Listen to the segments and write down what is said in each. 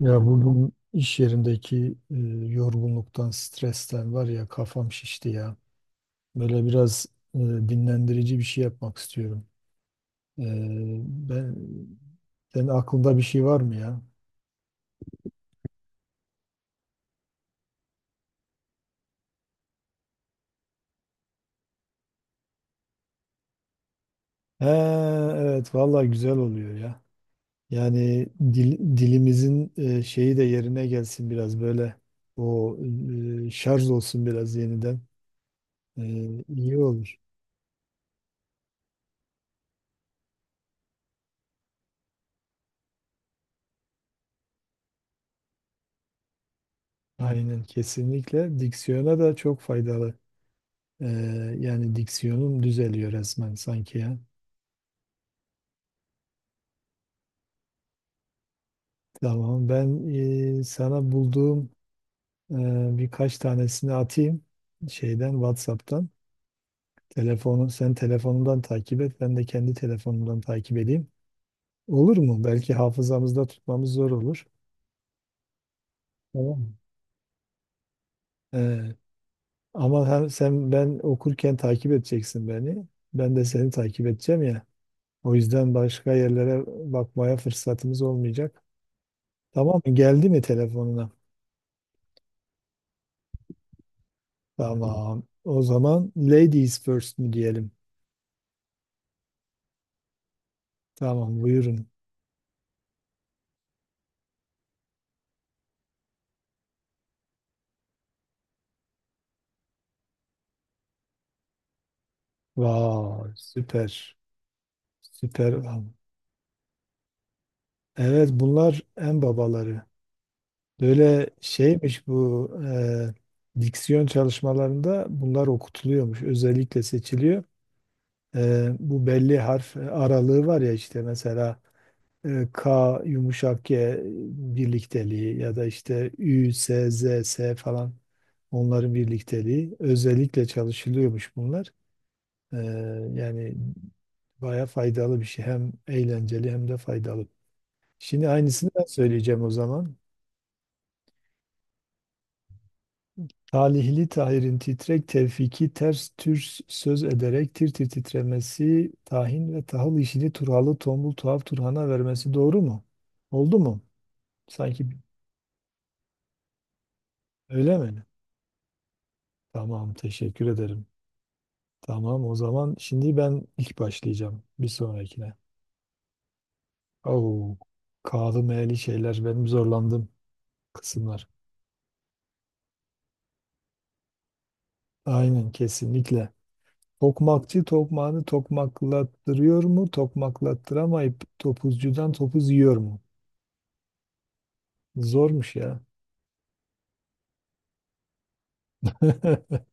Ya bugün iş yerindeki yorgunluktan, stresten var ya kafam şişti ya. Böyle biraz dinlendirici bir şey yapmak istiyorum. E, Ben senin aklında bir şey var mı ya? He, evet vallahi güzel oluyor ya. Yani dilimizin şeyi de yerine gelsin biraz böyle. O şarj olsun biraz yeniden. E, iyi olur. Aynen kesinlikle. Diksiyona da çok faydalı. Ee, Yani diksiyonum düzeliyor resmen sanki ya. Tamam ben sana bulduğum e, birkaç tanesini atayım şeyden WhatsApp'tan. Telefonun sen telefonundan takip et, ben de kendi telefonumdan takip edeyim. Olur mu? Belki hafızamızda tutmamız zor olur. Tamam mı? Ee, Ama hem sen ben okurken takip edeceksin beni. Ben de seni takip edeceğim ya. O yüzden başka yerlere bakmaya fırsatımız olmayacak. Tamam mı? Geldi mi telefonuna? Tamam. O zaman ladies first mi diyelim? Tamam, buyurun. Vay, süper. Süper. Evet, bunlar en babaları. Böyle şeymiş bu diksiyon çalışmalarında bunlar okutuluyormuş. Özellikle seçiliyor. E, bu belli harf aralığı var ya işte mesela K yumuşak G birlikteliği ya da işte Ü, S, Z, S falan onların birlikteliği. Özellikle çalışılıyormuş bunlar. Ee, yani baya faydalı bir şey. Hem eğlenceli hem de faydalı. Şimdi aynısını ben söyleyeceğim o zaman. Talihli Tahir'in titrek tevfiki ters tür söz ederek tir tir titremesi tahin ve tahıl işini turhalı tombul tuhaf turhana vermesi doğru mu? Oldu mu? Sanki öyle mi? Tamam teşekkür ederim. Tamam, o zaman şimdi ben ilk başlayacağım bir sonrakine. Oo, kağıdı meyeli şeyler benim zorlandığım kısımlar. Aynen kesinlikle. Tokmakçı tokmağını tokmaklattırıyor mu? Tokmaklattıramayıp topuzcudan topuz yiyor mu? Zormuş ya.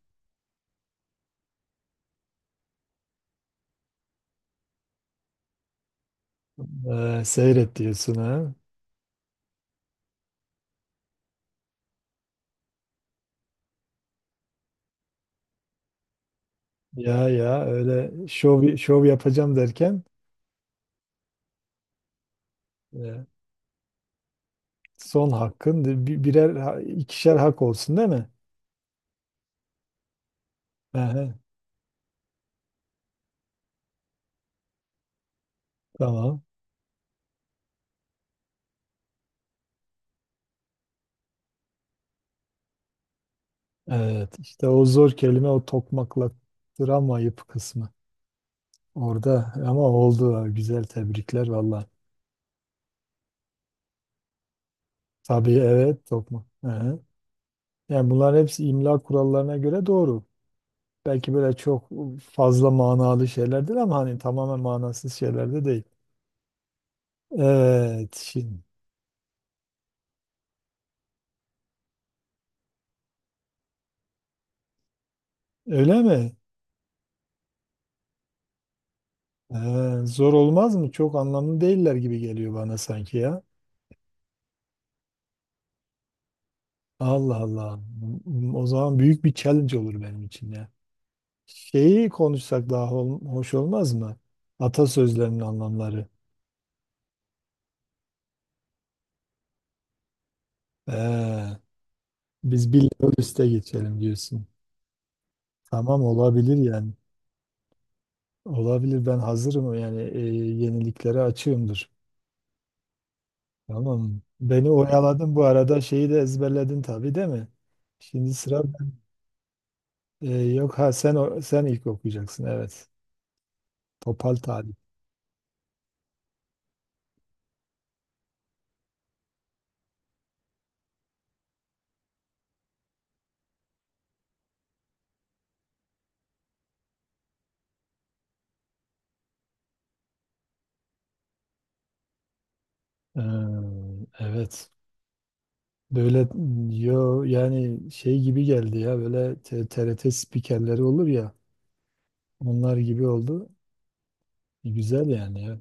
Seyret diyorsun ha. Ya ya öyle şov şov yapacağım derken e, son hakkın ikişer hak olsun değil mi? Ehe, tamam. Evet, işte o zor kelime o tokmaklattıramayıp kısmı orada, ama oldu ha, güzel, tebrikler valla. Tabii evet tokmak. Ehe. Yani bunların hepsi imla kurallarına göre doğru. Belki böyle çok fazla manalı şeylerdir ama hani tamamen manasız şeyler de değil. Evet, şimdi öyle mi? Ee, Zor olmaz mı? Çok anlamlı değiller gibi geliyor bana sanki ya. Allah Allah. O zaman büyük bir challenge olur benim için ya. Şeyi konuşsak daha hoş olmaz mı? Atasözlerinin anlamları. Ee, Biz bir level üste geçelim diyorsun. Tamam, olabilir yani. Olabilir, ben hazırım yani, yeniliklere açığımdır. Tamam. Beni oyaladın bu arada şeyi de ezberledin tabii değil mi? Şimdi sıra. E, yok ha, sen sen ilk okuyacaksın evet. Topal Talip. Ee, evet. Böyle yo yani şey gibi geldi ya, böyle TRT spikerleri olur ya, onlar gibi oldu. E, güzel yani ya.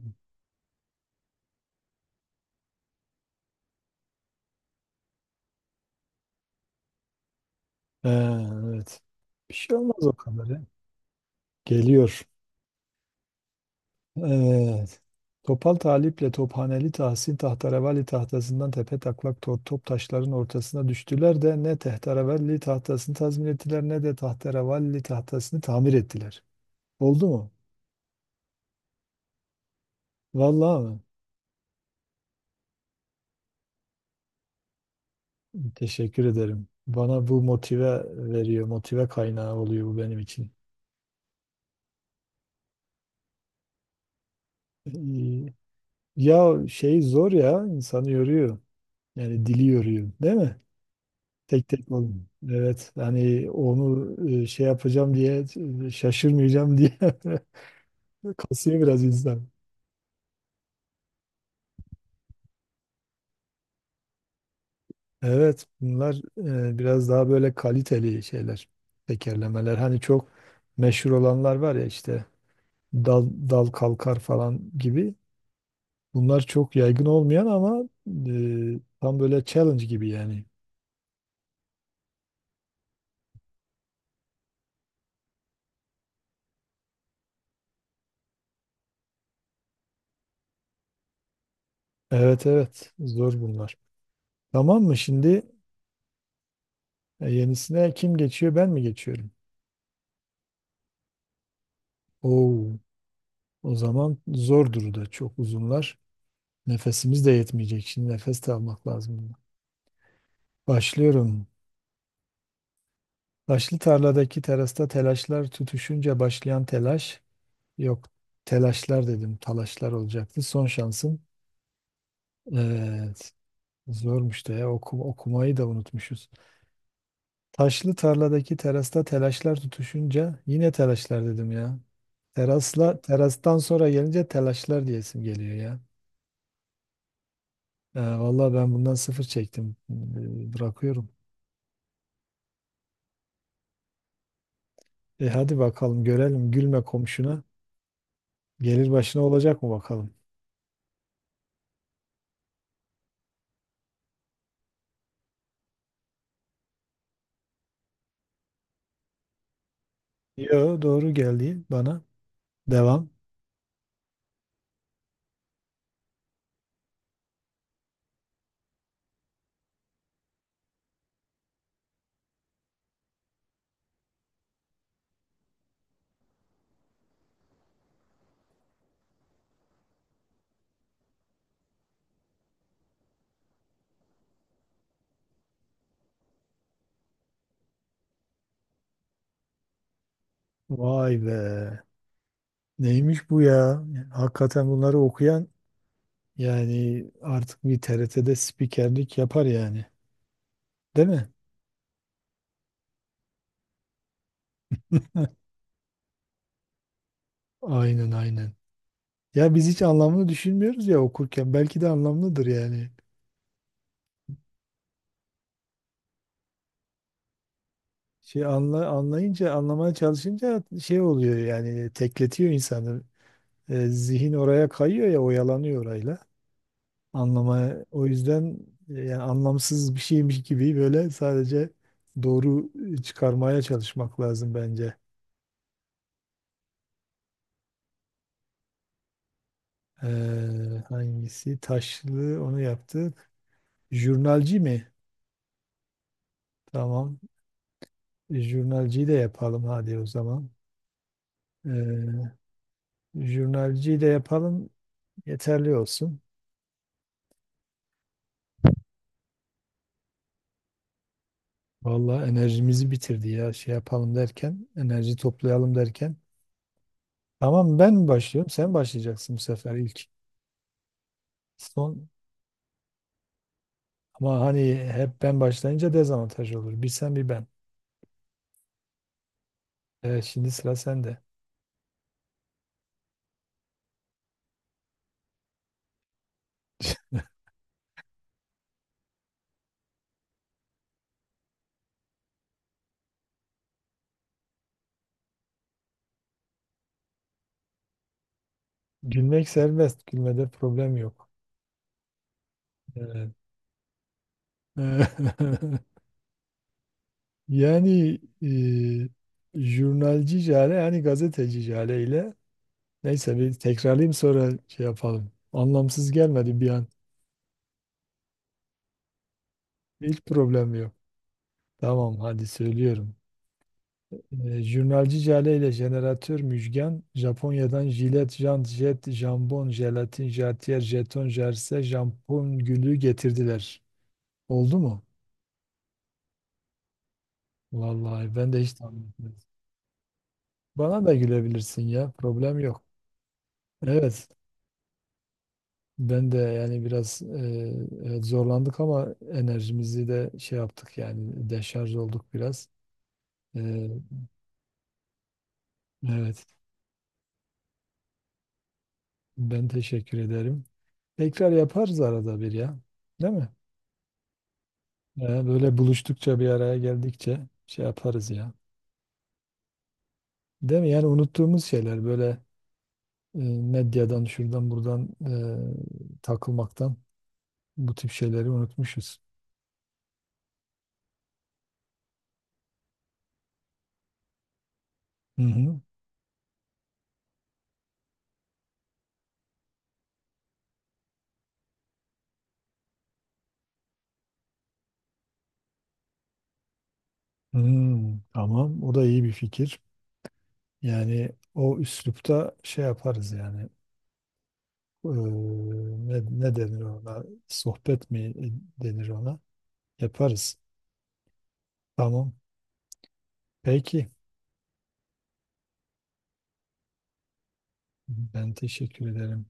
Ee, evet. Bir şey olmaz o kadar ya. Geliyor. Evet. Topal Talip'le Tophaneli Tahsin tahterevalli tahtasından tepe taklak top taşların ortasına düştüler de ne tahterevalli tahtasını tazmin ettiler ne de tahterevalli tahtasını tamir ettiler. Oldu mu? Vallahi mi? Teşekkür ederim. Bana bu motive veriyor, motive kaynağı oluyor bu benim için. Ee, Ya şey zor ya, insanı yoruyor. Yani dili yoruyor, değil mi? Tek tek oldu. Evet hani onu şey yapacağım diye şaşırmayacağım diye kasıyor biraz insan. Evet, bunlar biraz daha böyle kaliteli şeyler. Tekerlemeler hani çok meşhur olanlar var ya işte dal, dal kalkar falan gibi. Bunlar çok yaygın olmayan ama tam böyle challenge gibi yani. Evet evet, zor bunlar. Tamam mı şimdi? E, yenisine kim geçiyor, ben mi geçiyorum? Oo. O zaman zordur da çok uzunlar. Nefesimiz de yetmeyecek. Şimdi nefes de almak lazım. Başlıyorum. Taşlı tarladaki terasta telaşlar tutuşunca başlayan telaş. Yok, telaşlar dedim. Talaşlar olacaktı. Son şansım. Evet. Zormuş da ya okumayı da unutmuşuz. Taşlı tarladaki terasta telaşlar tutuşunca yine telaşlar dedim ya. Terasla terastan sonra gelince telaşlar diyesim geliyor ya. Vallahi ben bundan sıfır çektim. Bırakıyorum. E hadi bakalım görelim, gülme komşuna. Gelir başına olacak mı bakalım? Yo, doğru geldi bana. Devam. Vay be. Neymiş bu ya? Hakikaten bunları okuyan yani artık bir TRT'de spikerlik yapar yani. Değil mi? Aynen aynen. Ya biz hiç anlamını düşünmüyoruz ya okurken. Belki de anlamlıdır yani. Şey anlayınca, anlamaya çalışınca şey oluyor yani tekletiyor insanı. E, zihin oraya kayıyor ya, oyalanıyor orayla. Anlamaya o yüzden yani anlamsız bir şeymiş gibi böyle sadece doğru çıkarmaya çalışmak lazım bence. Hangisi? Taşlı, onu yaptık. Jurnalci mi? Tamam. E, jurnalciyi de yapalım hadi o zaman. Ee, Jurnalciyi de yapalım. Yeterli olsun. Vallahi enerjimizi bitirdi ya. Şey yapalım derken, enerji toplayalım derken. Tamam ben mi başlıyorum? Sen başlayacaksın bu sefer ilk. Son. Ama hani hep ben başlayınca dezavantaj olur. Bir sen bir ben. Evet, şimdi sıra sende. Gülmek serbest. Gülmede problem yok. Evet. Yani jurnalci Jale yani gazeteci Jale ile neyse bir tekrarlayayım sonra şey yapalım. Anlamsız gelmedi bir an. Hiç problem yok. Tamam hadi söylüyorum. Jurnalci Jale ile jeneratör Müjgan, Japonya'dan jilet, jant, jet, jambon, jelatin, jartiyer, jeton, jerse, jampon gülü getirdiler. Oldu mu? Vallahi ben de hiç tahmin etmedim. Bana da gülebilirsin ya, problem yok. Evet, ben de yani biraz evet, zorlandık ama enerjimizi de şey yaptık yani deşarj olduk biraz. E, evet, ben teşekkür ederim. Tekrar yaparız arada bir ya, değil mi? Böyle buluştukça bir araya geldikçe şey yaparız ya. Değil mi? Yani unuttuğumuz şeyler böyle medyadan şuradan buradan takılmaktan bu tip şeyleri unutmuşuz. Hı hı. Hmm, tamam. O da iyi bir fikir. Yani o üslupta şey yaparız yani. Ee, ne denir ona? Sohbet mi denir ona? Yaparız. Tamam. Peki. Ben teşekkür ederim.